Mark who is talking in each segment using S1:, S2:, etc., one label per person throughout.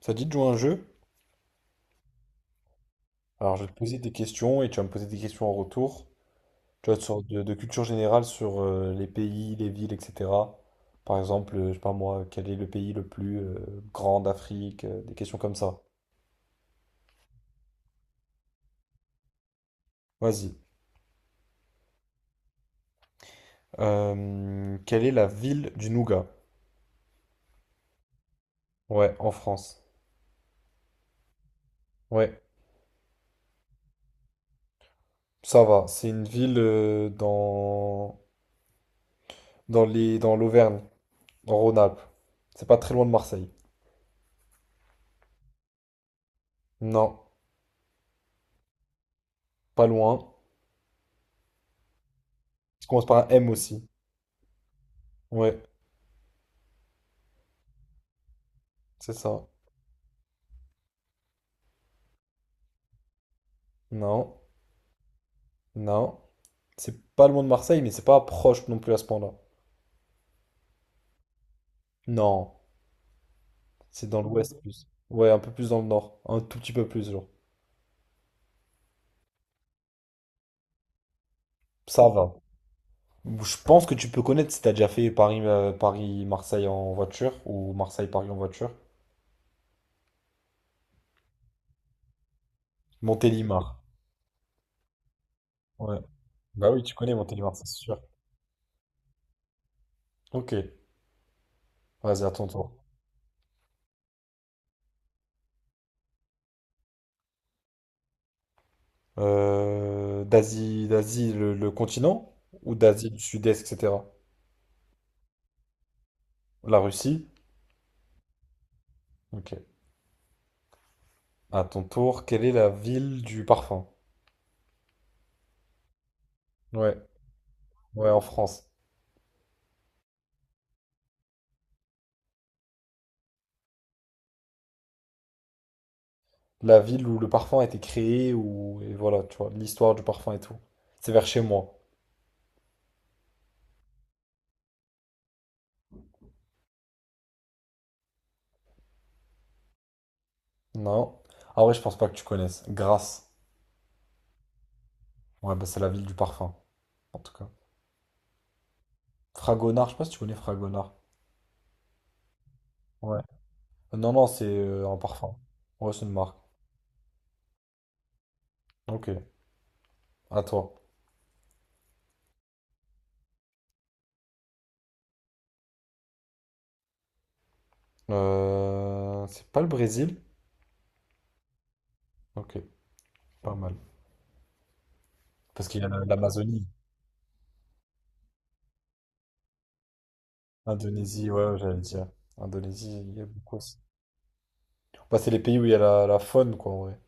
S1: Ça te dit de jouer à un jeu? Alors, je vais te poser des questions et tu vas me poser des questions en retour. Tu vois, de sorte de culture générale sur les pays, les villes, etc. Par exemple, je sais pas moi, quel est le pays le plus grand d'Afrique? Des questions comme ça. Vas-y. Quelle est la ville du Nougat? Ouais, en France. Ouais, ça va. C'est une ville dans l'Auvergne, en Rhône-Alpes. C'est pas très loin de Marseille. Non, pas loin. Ça commence par un M aussi. Ouais, c'est ça. Non. Non, c'est pas loin de Marseille, mais c'est pas proche non plus à ce point-là. Non, c'est dans l'ouest plus. Ouais, un peu plus dans le nord, un tout petit peu plus, genre. Ça va. Je pense que tu peux connaître si t'as déjà fait Paris, Paris-Marseille en voiture ou Marseille-Paris en voiture. Montélimar. Ouais. Bah oui, tu connais Montélimar, c'est sûr. Ok, vas-y, à ton tour. D'Asie, le continent ou d'Asie du Sud-Est, etc. La Russie. Ok. À ton tour, quelle est la ville du parfum? Ouais. Ouais, en France. La ville où le parfum a été créé, ou et voilà, tu vois, l'histoire du parfum et tout. C'est vers chez moi. Non. Ah ouais, je pense pas que tu connaisses. Grasse. Ouais, bah c'est la ville du parfum, en tout cas. Fragonard, je sais pas si tu connais Fragonard. Ouais. Non, non, c'est un parfum. Ouais, c'est une marque. Ok, à toi. C'est pas le Brésil? Ok, pas mal. Parce qu'il y a l'Amazonie. Indonésie, ouais, ouais, j'allais dire. Indonésie, il y a beaucoup aussi. Bah, c'est les pays où il y a la faune, quoi, en vrai.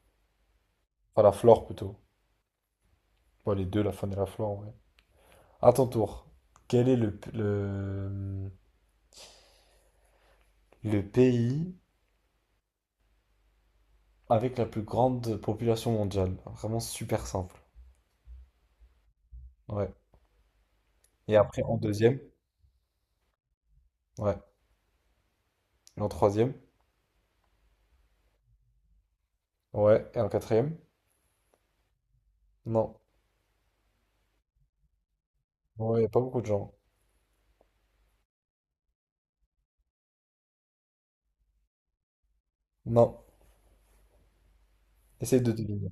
S1: Enfin, la flore plutôt. Ouais, les deux, la faune et la flore, ouais. À ton tour, quel est le pays avec la plus grande population mondiale? Vraiment super simple. Ouais. Et après, en deuxième? Ouais. Et en troisième? Ouais. Et en quatrième? Non. Ouais, y a pas beaucoup de gens. Non. Essaye de deviner.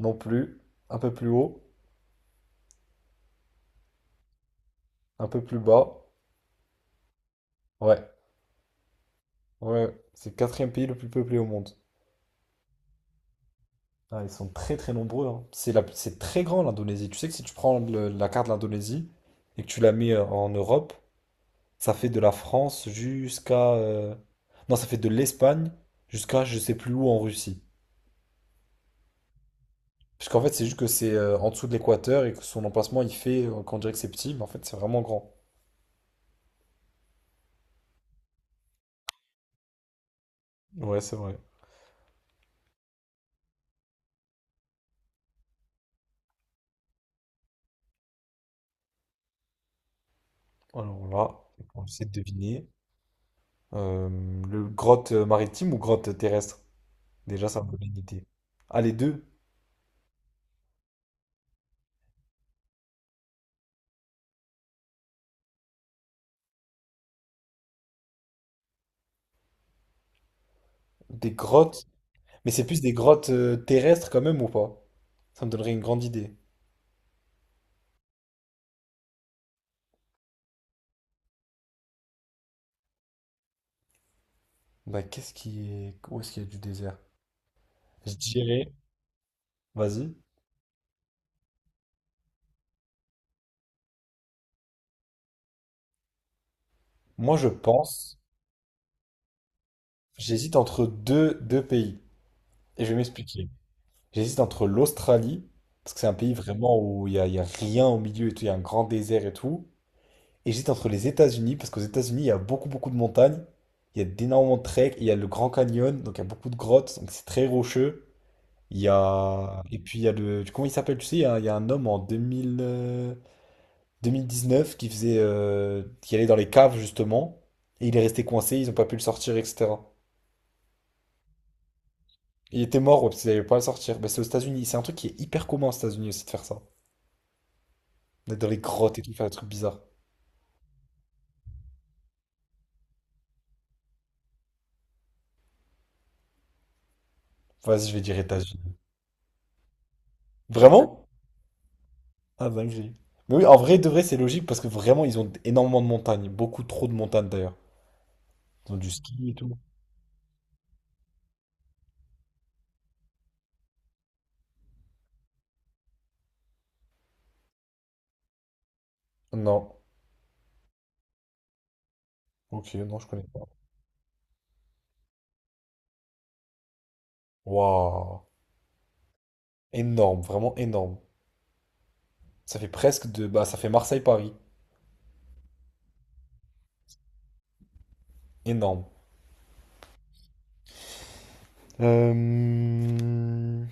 S1: Non plus. Un peu plus haut. Un peu plus bas. Ouais. Ouais. C'est le quatrième pays le plus peuplé au monde. Ah, ils sont très très nombreux, hein. C'est très grand l'Indonésie. Tu sais que si tu prends la carte de l'Indonésie et que tu la mets en Europe, ça fait de la France jusqu'à, non, ça fait de l'Espagne jusqu'à je sais plus où en Russie. Parce qu'en fait, c'est juste que c'est en dessous de l'équateur et que son emplacement, il fait qu'on dirait que c'est petit, mais en fait, c'est vraiment grand. Ouais, c'est vrai. Alors là, on essaie de deviner. Euh, le grotte maritime ou grotte terrestre? Déjà, ça me donne une idée. Ah, les deux? Des grottes Mais c'est plus des grottes terrestres quand même ou pas? Ça me donnerait une grande idée. Bah où est-ce qu'il y a du désert? Je dirais. Vas-y. Moi je pense. J'hésite entre deux pays. Et je vais m'expliquer. J'hésite entre l'Australie, parce que c'est un pays vraiment où il y a rien au milieu et tout, il y a un grand désert et tout. Et j'hésite entre les États-Unis, parce qu'aux États-Unis, il y a beaucoup beaucoup de montagnes. Il y a d'énormément de treks, et il y a le Grand Canyon, donc il y a beaucoup de grottes, donc c'est très rocheux. Il y a. Et puis il y a le. Comment il s'appelle, tu sais, il y a un homme en 2000 neuf qui allait dans les caves, justement, et il est resté coincé, ils n'ont pas pu le sortir, etc. Il était mort, ouais, parce qu'ils n'avaient pas à le sortir. Bah, c'est aux États-Unis, c'est un truc qui est hyper commun aux États-Unis aussi de faire ça. D'être dans les grottes et tout, faire des trucs bizarres. Vas-y, je vais dire États-Unis. Vraiment? Ah, dinguerie. Mais oui, en vrai, de vrai, c'est logique, parce que vraiment, ils ont énormément de montagnes, beaucoup trop de montagnes d'ailleurs. Ils ont du ski et tout. Non. Ok, non, je connais pas. Waouh. Énorme, vraiment énorme. Ça fait presque de. Bah, ça fait Marseille-Paris. Énorme. Euh,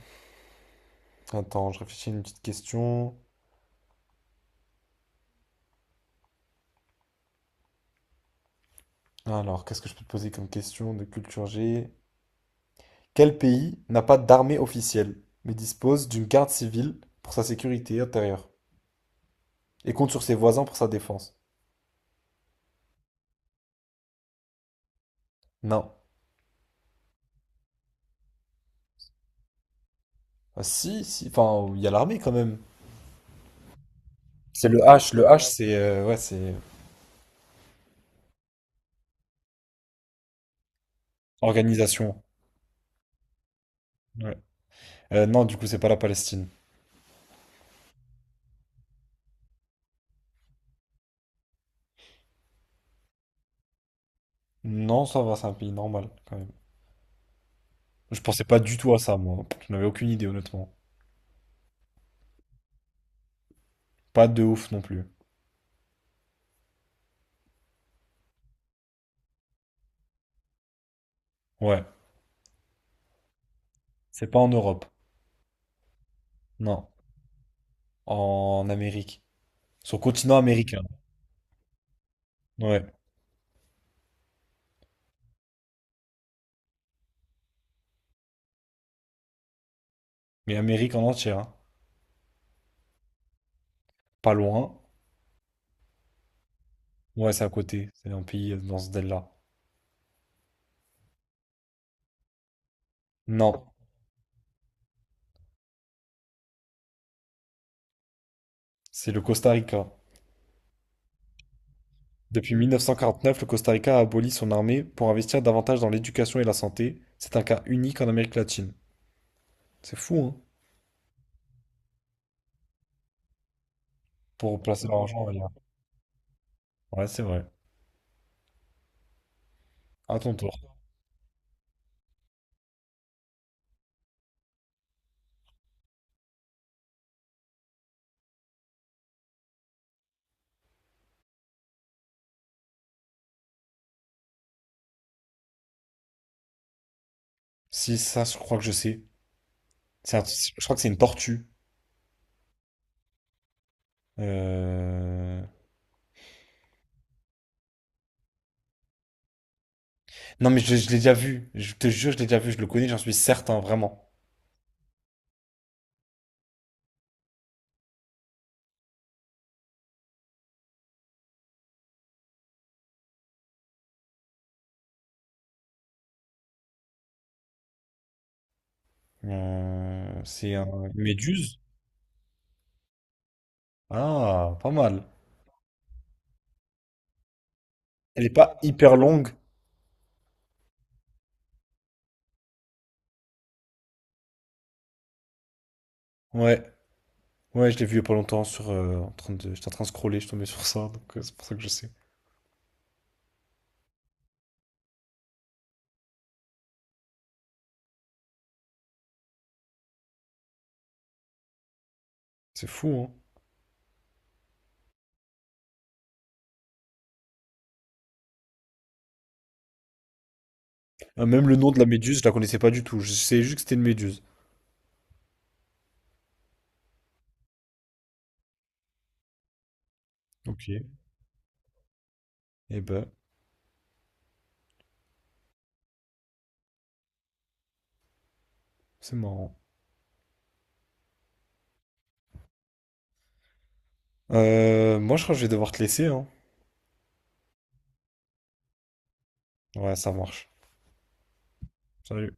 S1: Attends, je réfléchis à une petite question. Alors, qu'est-ce que je peux te poser comme question de culture G? Quel pays n'a pas d'armée officielle, mais dispose d'une garde civile pour sa sécurité intérieure et compte sur ses voisins pour sa défense? Non. Ah, si, si, enfin, il y a l'armée quand même. C'est le H, c'est ouais, c'est organisation. Ouais. Non, du coup, c'est pas la Palestine. Non, ça va, c'est un pays normal quand même. Je pensais pas du tout à ça, moi. Je n'avais aucune idée, honnêtement. Pas de ouf non plus. Ouais. C'est pas en Europe. Non. En Amérique. Sur le continent américain. Ouais. Mais Amérique en entière, hein. Pas loin. Ouais, c'est à côté. C'est un pays dans ce délire-là. Non. C'est le Costa Rica. Depuis 1949, le Costa Rica a aboli son armée pour investir davantage dans l'éducation et la santé. C'est un cas unique en Amérique latine. C'est fou, hein? Pour placer leur argent, on va dire. Ouais, c'est vrai. À ton tour. Si ça, je crois que je sais. Je crois que c'est une tortue. Euh, Non, mais je l'ai déjà vu. Je te jure, je l'ai déjà vu. Je le connais, j'en suis certain, vraiment. Une méduse. Ah, pas mal. Elle est pas hyper longue. Ouais. Ouais, je l'ai vu il y a pas longtemps sur. En train de. J'étais en train de scroller, je tombais sur ça, donc c'est pour ça que je sais. C'est fou, hein. Ah, même le nom de la méduse, je la connaissais pas du tout. Je savais juste que c'était une méduse. Ok. Eh ben, c'est marrant. Moi, je crois que je vais devoir te laisser, hein. Ouais, ça marche. Salut.